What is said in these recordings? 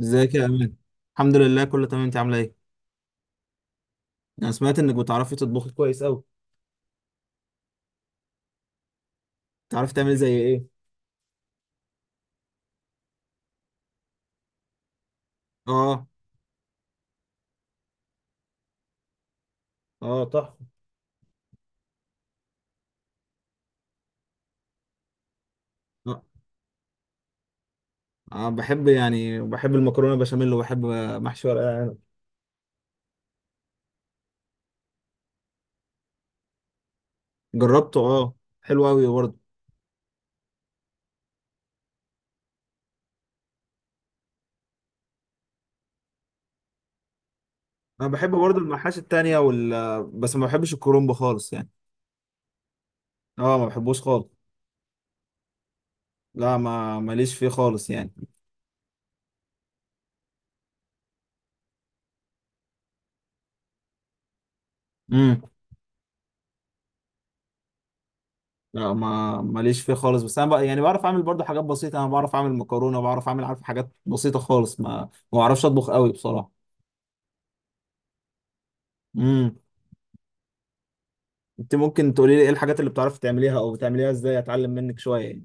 ازيك يا امان؟ الحمد لله، كله تمام. انت عامله ايه؟ انا سمعت انك بتعرفي تطبخي كويس قوي. بتعرفي تعملي زي ايه؟ اه. اه، تحفه. اه. بحب، يعني بحب المكرونه بشاميل، وبحب محشي ورق العنب. جربته، اه. حلو قوي برضه. انا بحب برضه المحاشي التانية، وال آه، بس ما بحبش الكرنب خالص يعني. اه، ما بحبوش خالص. لا، ما ماليش فيه خالص يعني. امم. لا، ما ماليش فيه خالص. بس انا بقى يعني بعرف اعمل برضه حاجات بسيطه. انا بعرف اعمل مكرونه، بعرف اعمل، عارف حاجات بسيطه خالص. ما بعرفش اطبخ قوي بصراحه. امم. انت ممكن تقولي لي ايه الحاجات اللي بتعرفي تعمليها او بتعمليها ازاي، اتعلم منك شويه يعني.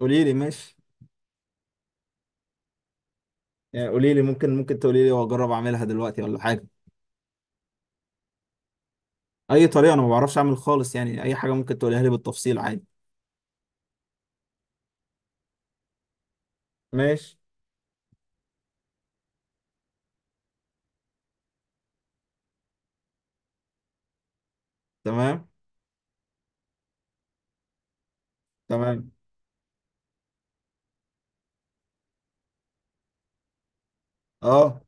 قولي لي، ماشي. يعني قولي لي، ممكن تقولي لي واجرب اعملها دلوقتي ولا حاجه. اي طريقه، انا ما بعرفش اعمل خالص يعني. اي حاجه ممكن تقوليها لي بالتفصيل عادي. ماشي. تمام. تمام. اه.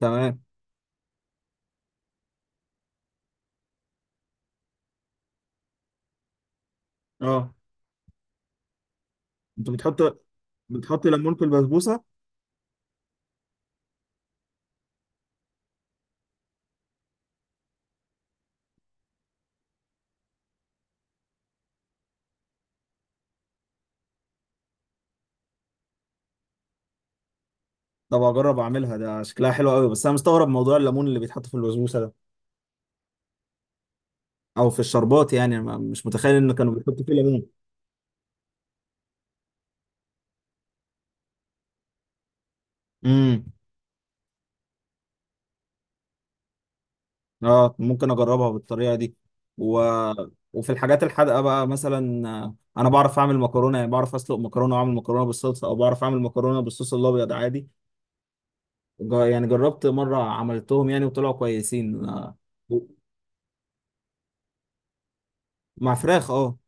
تمام. اه، انت بتحط ليمون في البسبوسه؟ طب اجرب اعملها، ده شكلها حلو قوي. بس انا مستغرب موضوع الليمون اللي بيتحط في البسبوسه ده. او في الشربات يعني. أنا مش متخيل ان كانوا بيحطوا فيه ليمون. امم. اه، ممكن اجربها بالطريقه دي. و... وفي الحاجات الحادقه بقى، مثلا، انا بعرف اعمل مكرونه. يعني بعرف اسلق مكرونه واعمل مكرونه بالصلصه، او بعرف اعمل مكرونه بالصوص الابيض عادي. يعني جربت مره عملتهم يعني وطلعوا كويسين. و- مع فراخ، اه.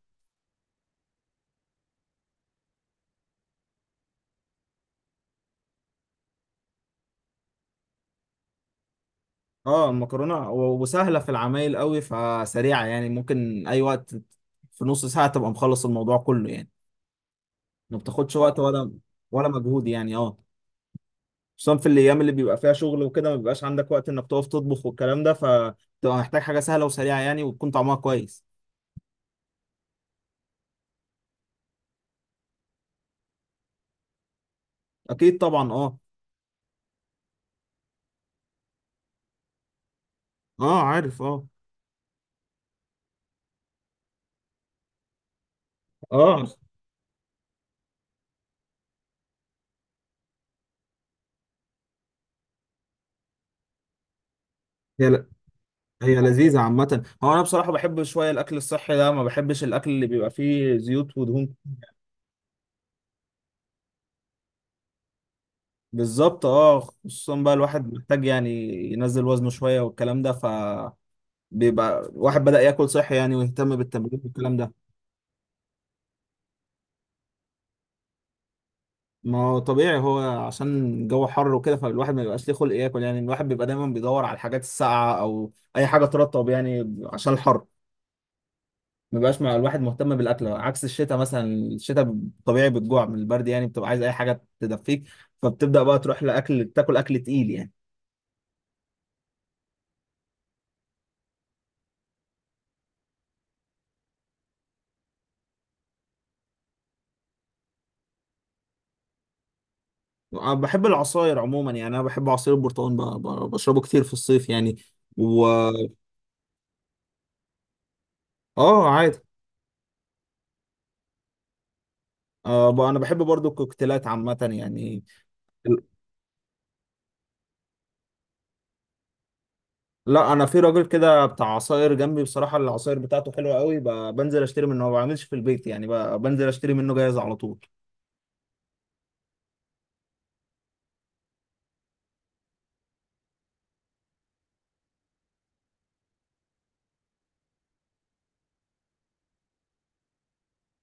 اه، المكرونه و- وسهله في العمايل قوي، فسريعه يعني، ممكن اي وقت. في نص ساعه تبقى مخلص الموضوع كله يعني. ما بتاخدش وقت ولا. ولا مجهود يعني، اه. خصوصا في الايام اللي بيبقى فيها شغل وكده، ما بيبقاش عندك وقت انك تقف تطبخ والكلام ده، فتبقى محتاج حاجه سهله وسريعه يعني وتكون طعمها كويس. اكيد طبعا، اه. اه، عارف، اه. اه. هي ل... هي لذيذه عامه. هو انا بصراحه بحب شويه الاكل الصحي ده، ما بحبش الاكل اللي بيبقى فيه زيوت ودهون. بالظبط، اه. خصوصا بقى الواحد محتاج يعني ينزل وزنه شويه والكلام ده. بيبقى الواحد بدأ ياكل صحي يعني، ويهتم بالتمرين والكلام ده. ما هو طبيعي، هو عشان الجو حر وكده، فالواحد ما بيبقاش ليه خلق ياكل يعني. الواحد بيبقى دايما بيدور على الحاجات الساقعه او اي حاجه ترطب يعني عشان الحر. ما بيبقاش مع الواحد مهتم بالاكل، عكس الشتاء مثلا. الشتاء طبيعي بتجوع من البرد يعني، بتبقى عايز اي حاجه تدفيك، فبتبدا بقى تروح لاكل، تاكل اكل تقيل يعني. أنا بحب العصاير عموما يعني. انا بحب عصير البرتقال، بشربه كتير في الصيف يعني. و اه، عادي. انا بحب برضو الكوكتيلات عامه يعني. لا، انا في راجل كده بتاع عصاير جنبي بصراحه، العصاير بتاعته حلوه قوي. بنزل اشتري منه، ما بعملش في البيت يعني. بنزل اشتري منه جاهز على طول.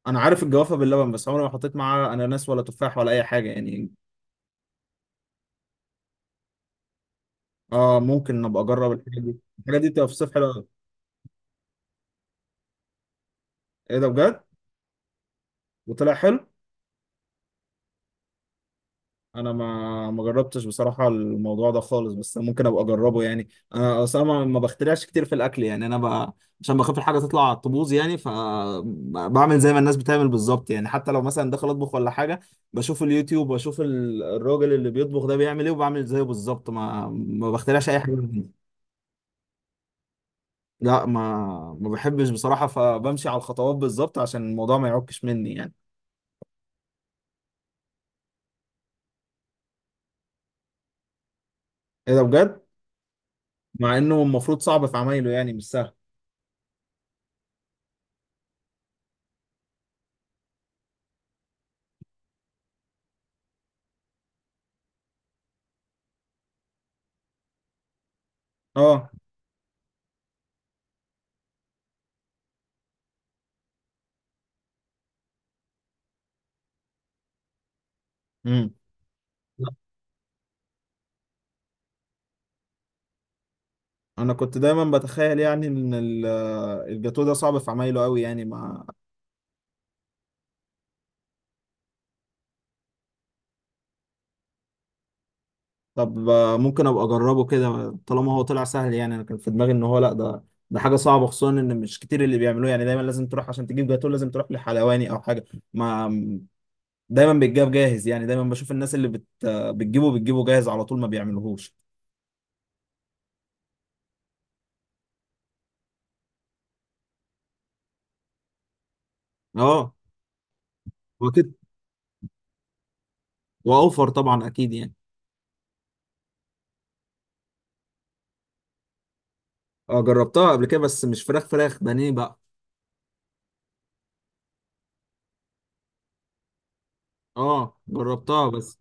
انا عارف الجوافه باللبن، بس عمري ما حطيت معاه اناناس ولا تفاح ولا اي حاجه يعني. اه، ممكن ابقى اجرب الحاجه دي، الحاجه دي بتبقى في الصيف حلوه قوي. ايه ده بجد؟ وطلع حلو؟ انا ما جربتش بصراحه الموضوع ده خالص، بس ممكن ابقى اجربه يعني. انا اصلا ما بخترعش كتير في الاكل يعني. عشان بخاف الحاجه تطلع تبوظ يعني، فبعمل زي ما الناس بتعمل بالظبط يعني. حتى لو مثلا داخل اطبخ ولا حاجه، بشوف اليوتيوب واشوف الراجل اللي بيطبخ ده بيعمل ايه وبعمل زيه بالظبط. ما بخترعش اي حاجه جديدة. لا، ما بحبش بصراحه، فبمشي على الخطوات بالظبط عشان الموضوع ما يعكش مني يعني. ايه ده بجد؟ مع انه المفروض صعب في عمايله يعني، مش سهل. اه. امم. انا كنت دايما بتخيل يعني ان الجاتو ده صعب في عمايله قوي يعني ما طب ممكن ابقى اجربه كده طالما هو طلع سهل يعني. انا كان في دماغي ان هو، لا، ده حاجه صعبه، خصوصا ان مش كتير اللي بيعملوه يعني. دايما لازم تروح عشان تجيب جاتو، لازم تروح لحلواني او حاجه. ما دايما بيتجاب جاهز يعني. دايما بشوف الناس اللي بت... آه، بتجيبه جاهز على طول، ما بيعملوهوش. اه، وكده. واوفر طبعا، اكيد يعني. اه، جربتها قبل كده، بس مش فراخ، فراخ بانيه بقى. اه، جربتها بس.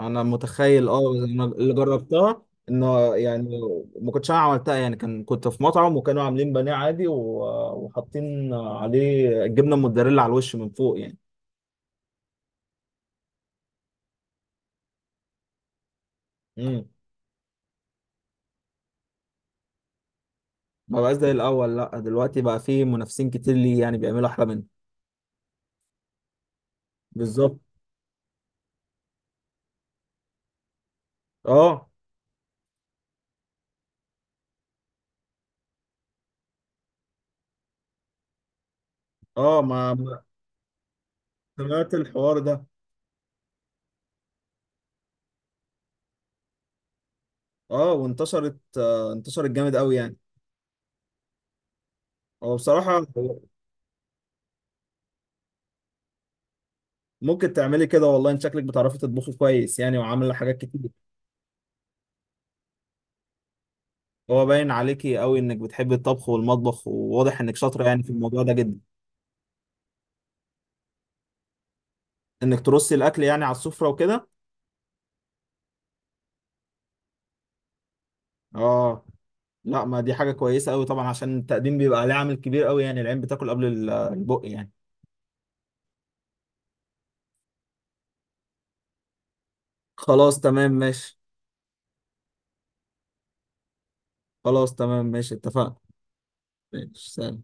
انا متخيل، اه، بس أنا اللي جربتها. انه يعني، ما كنتش انا عملتها يعني. كنت في مطعم وكانوا عاملين بانيه عادي وحاطين عليه الجبنه الموتزاريلا على الوش من فوق يعني. امم. ما بقاش زي الاول، لا دلوقتي بقى في منافسين كتير ليه يعني، بيعملوا احلى منه. بالظبط، اه. اه. سمعت الحوار ده. اه، وانتشرت. آه، انتشرت جامد قوي يعني. هو بصراحه. ممكن تعملي كده والله، ان شكلك بتعرفي تطبخي كويس يعني، وعامله حاجات كتير. هو باين عليكي قوي انك بتحبي الطبخ والمطبخ، وواضح انك شاطره يعني في الموضوع ده جدا. انك ترصي الاكل يعني على السفره وكده. اه. لا، ما دي حاجه كويسه قوي طبعا، عشان التقديم بيبقى ليه عامل كبير قوي يعني. العين بتاكل قبل البق يعني. خلاص، تمام، ماشي. خلاص، تمام، ماشي، اتفقنا. ماشي، سلام.